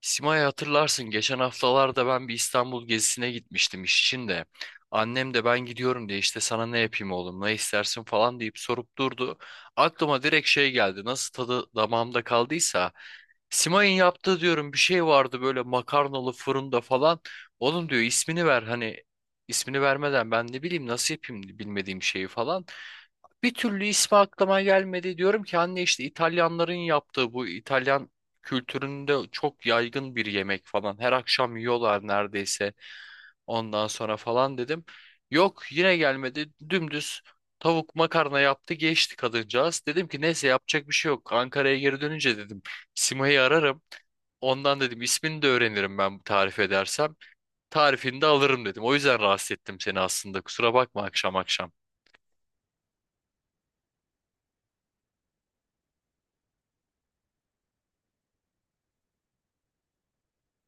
Simay hatırlarsın geçen haftalarda ben bir İstanbul gezisine gitmiştim iş için de. Annem de ben gidiyorum diye işte sana ne yapayım oğlum ne istersin falan deyip sorup durdu. Aklıma direkt şey geldi nasıl tadı damağımda kaldıysa. Simay'ın yaptığı diyorum bir şey vardı böyle makarnalı fırında falan. Oğlum diyor ismini ver hani ismini vermeden ben ne bileyim nasıl yapayım bilmediğim şeyi falan. Bir türlü ismi aklıma gelmedi diyorum ki anne işte İtalyanların yaptığı bu İtalyan kültüründe çok yaygın bir yemek falan. Her akşam yiyorlar neredeyse ondan sonra falan dedim. Yok yine gelmedi dümdüz tavuk makarna yaptı geçti kadıncağız. Dedim ki neyse yapacak bir şey yok. Ankara'ya geri dönünce dedim Sima'yı ararım. Ondan dedim ismini de öğrenirim ben tarif edersem. Tarifini de alırım dedim. O yüzden rahatsız ettim seni aslında. Kusura bakma akşam akşam.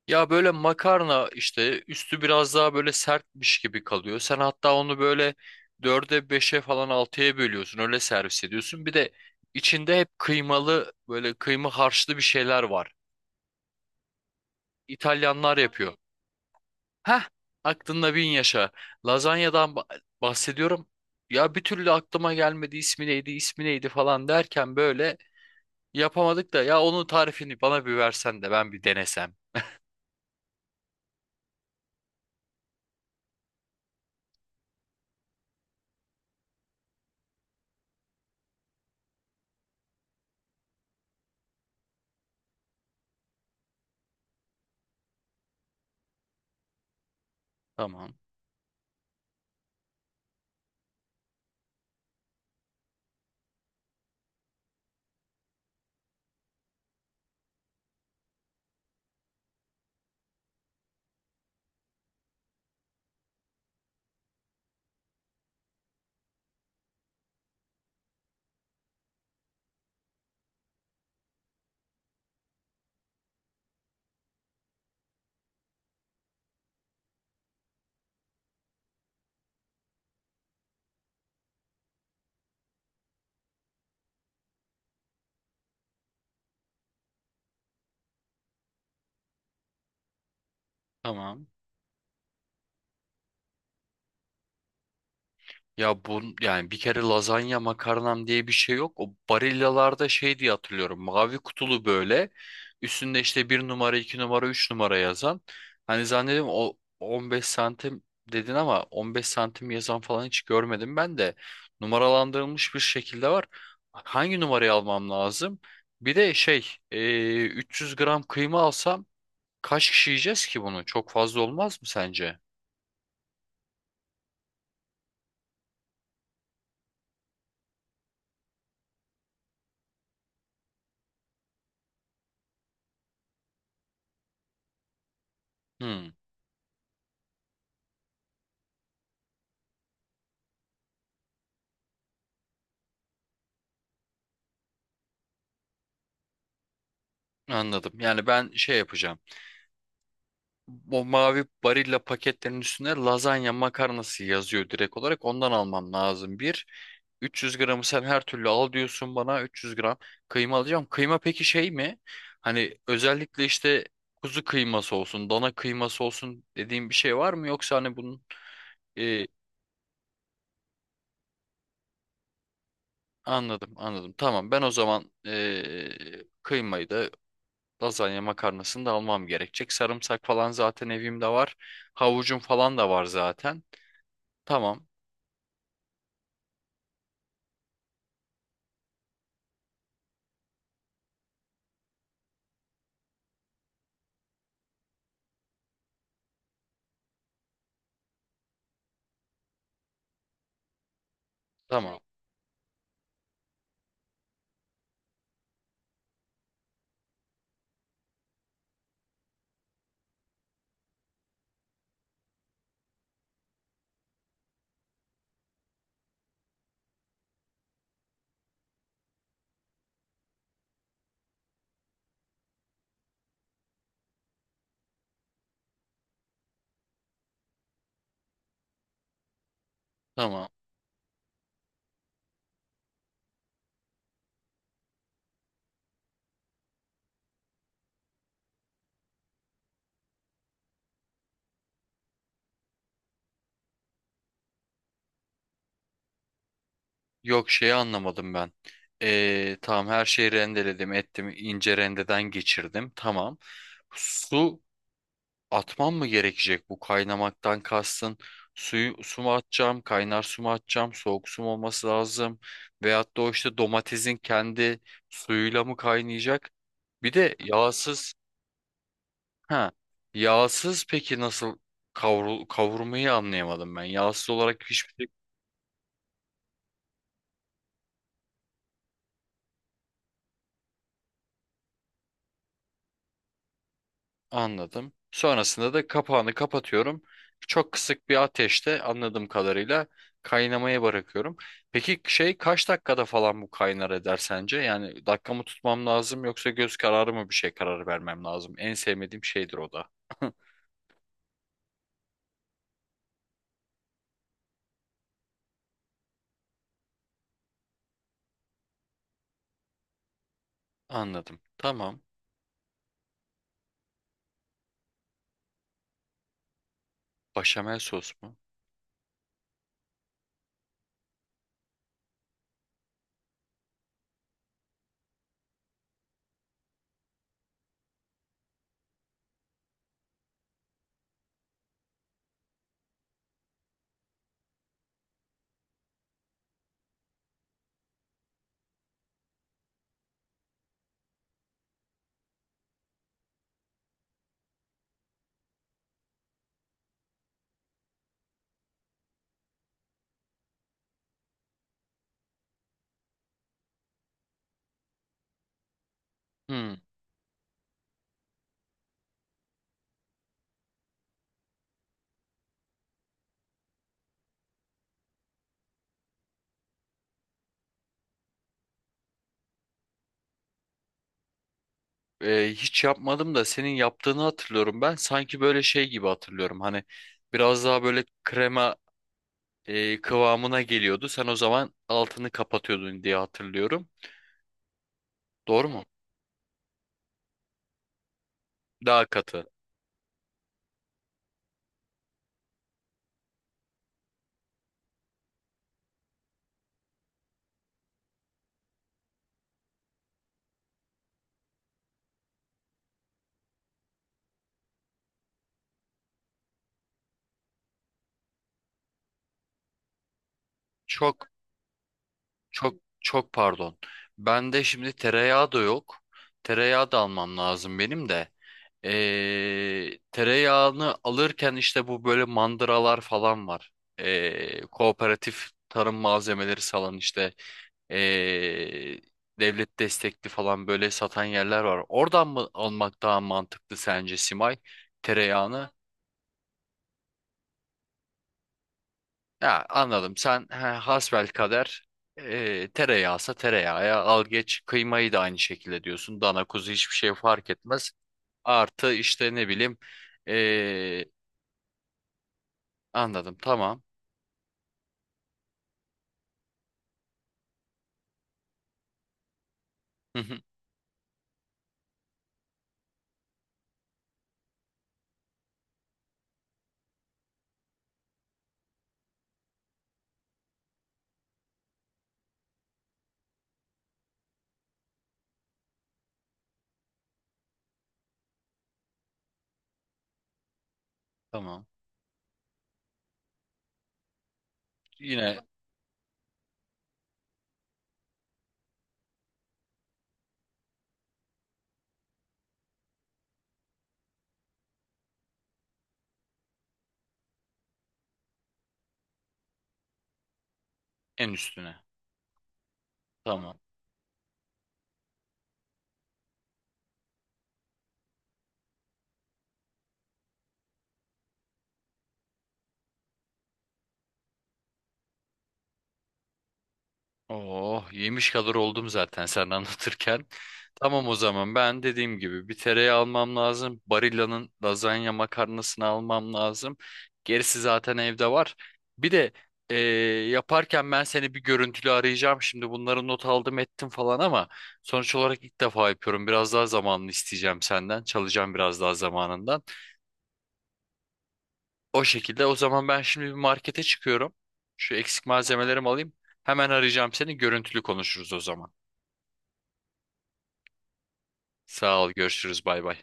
Ya böyle makarna işte üstü biraz daha böyle sertmiş gibi kalıyor. Sen hatta onu böyle dörde beşe falan altıya bölüyorsun öyle servis ediyorsun. Bir de içinde hep kıymalı böyle kıyma harçlı bir şeyler var. İtalyanlar yapıyor. Heh aklında bin yaşa. Lazanyadan bahsediyorum. Ya bir türlü aklıma gelmedi ismi neydi ismi neydi falan derken böyle yapamadık da ya onun tarifini bana bir versen de ben bir denesem. Tamam tamam. Ya bu yani bir kere lazanya makarnam diye bir şey yok. O Barilla'larda şey diye hatırlıyorum. Mavi kutulu böyle. Üstünde işte bir numara, iki numara, üç numara yazan. Hani zannediyorum o 15 santim dedin ama 15 santim yazan falan hiç görmedim ben de. Numaralandırılmış bir şekilde var. Hangi numarayı almam lazım? Bir de şey 300 gram kıyma alsam kaç kişi yiyeceğiz ki bunu? Çok fazla olmaz mı sence? Hmm, anladım. Yani ben şey yapacağım. O mavi Barilla paketlerin üstüne lazanya makarnası yazıyor direkt olarak. Ondan almam lazım. Bir, 300 gramı sen her türlü al diyorsun bana. 300 gram kıyma alacağım. Kıyma peki şey mi? Hani özellikle işte kuzu kıyması olsun, dana kıyması olsun dediğim bir şey var mı? Yoksa hani bunun... e, anladım, anladım. Tamam ben o zaman kıymayı da lazanya makarnasını da almam gerekecek. Sarımsak falan zaten evimde var. Havucum falan da var zaten. Tamam, tamam. Tamam. Yok şeyi anlamadım ben. Tamam her şeyi rendeledim ettim ince rendeden geçirdim. Tamam. Su atmam mı gerekecek bu kaynamaktan kastın? Suyu su mu atacağım? Kaynar su mu atacağım? Soğuk su mu olması lazım? Veyahut da o işte domatesin kendi suyuyla mı kaynayacak? Bir de yağsız ha yağsız peki nasıl kavurmayı anlayamadım ben. Yağsız olarak hiçbir Anladım. Sonrasında da kapağını kapatıyorum. Çok kısık bir ateşte anladığım kadarıyla kaynamaya bırakıyorum. Peki şey kaç dakikada falan bu kaynar eder sence? Yani dakika mı tutmam lazım yoksa göz kararı mı bir şey kararı vermem lazım? En sevmediğim şeydir o da. Anladım. Tamam. Başamel sos mu? Hmm. Hiç yapmadım da senin yaptığını hatırlıyorum ben. Sanki böyle şey gibi hatırlıyorum. Hani biraz daha böyle krema kıvamına geliyordu. Sen o zaman altını kapatıyordun diye hatırlıyorum. Doğru mu? Daha katı. Çok çok çok pardon. Bende şimdi tereyağı da yok. Tereyağı da almam lazım benim de. Tereyağını alırken işte bu böyle mandıralar falan var. Kooperatif tarım malzemeleri salan işte ee, devlet destekli falan böyle satan yerler var. Oradan mı almak daha mantıklı sence Simay tereyağını? Ya anladım. Sen hasbelkader tereyağsa tereyağı al geç kıymayı da aynı şekilde diyorsun. Dana kuzu hiçbir şey fark etmez. Artı işte ne bileyim e, anladım tamam. Hı hı, tamam. Yine en üstüne. Tamam. Oh, yemiş kadar oldum zaten sen anlatırken. Tamam o zaman ben dediğim gibi bir tereyağı almam lazım. Barilla'nın lazanya makarnasını almam lazım. Gerisi zaten evde var. Bir de eee, yaparken ben seni bir görüntülü arayacağım. Şimdi bunları not aldım ettim falan ama sonuç olarak ilk defa yapıyorum. Biraz daha zamanını isteyeceğim senden. Çalacağım biraz daha zamanından. O şekilde o zaman ben şimdi bir markete çıkıyorum. Şu eksik malzemelerimi alayım. Hemen arayacağım seni. Görüntülü konuşuruz o zaman. Sağ ol, görüşürüz, bay bay.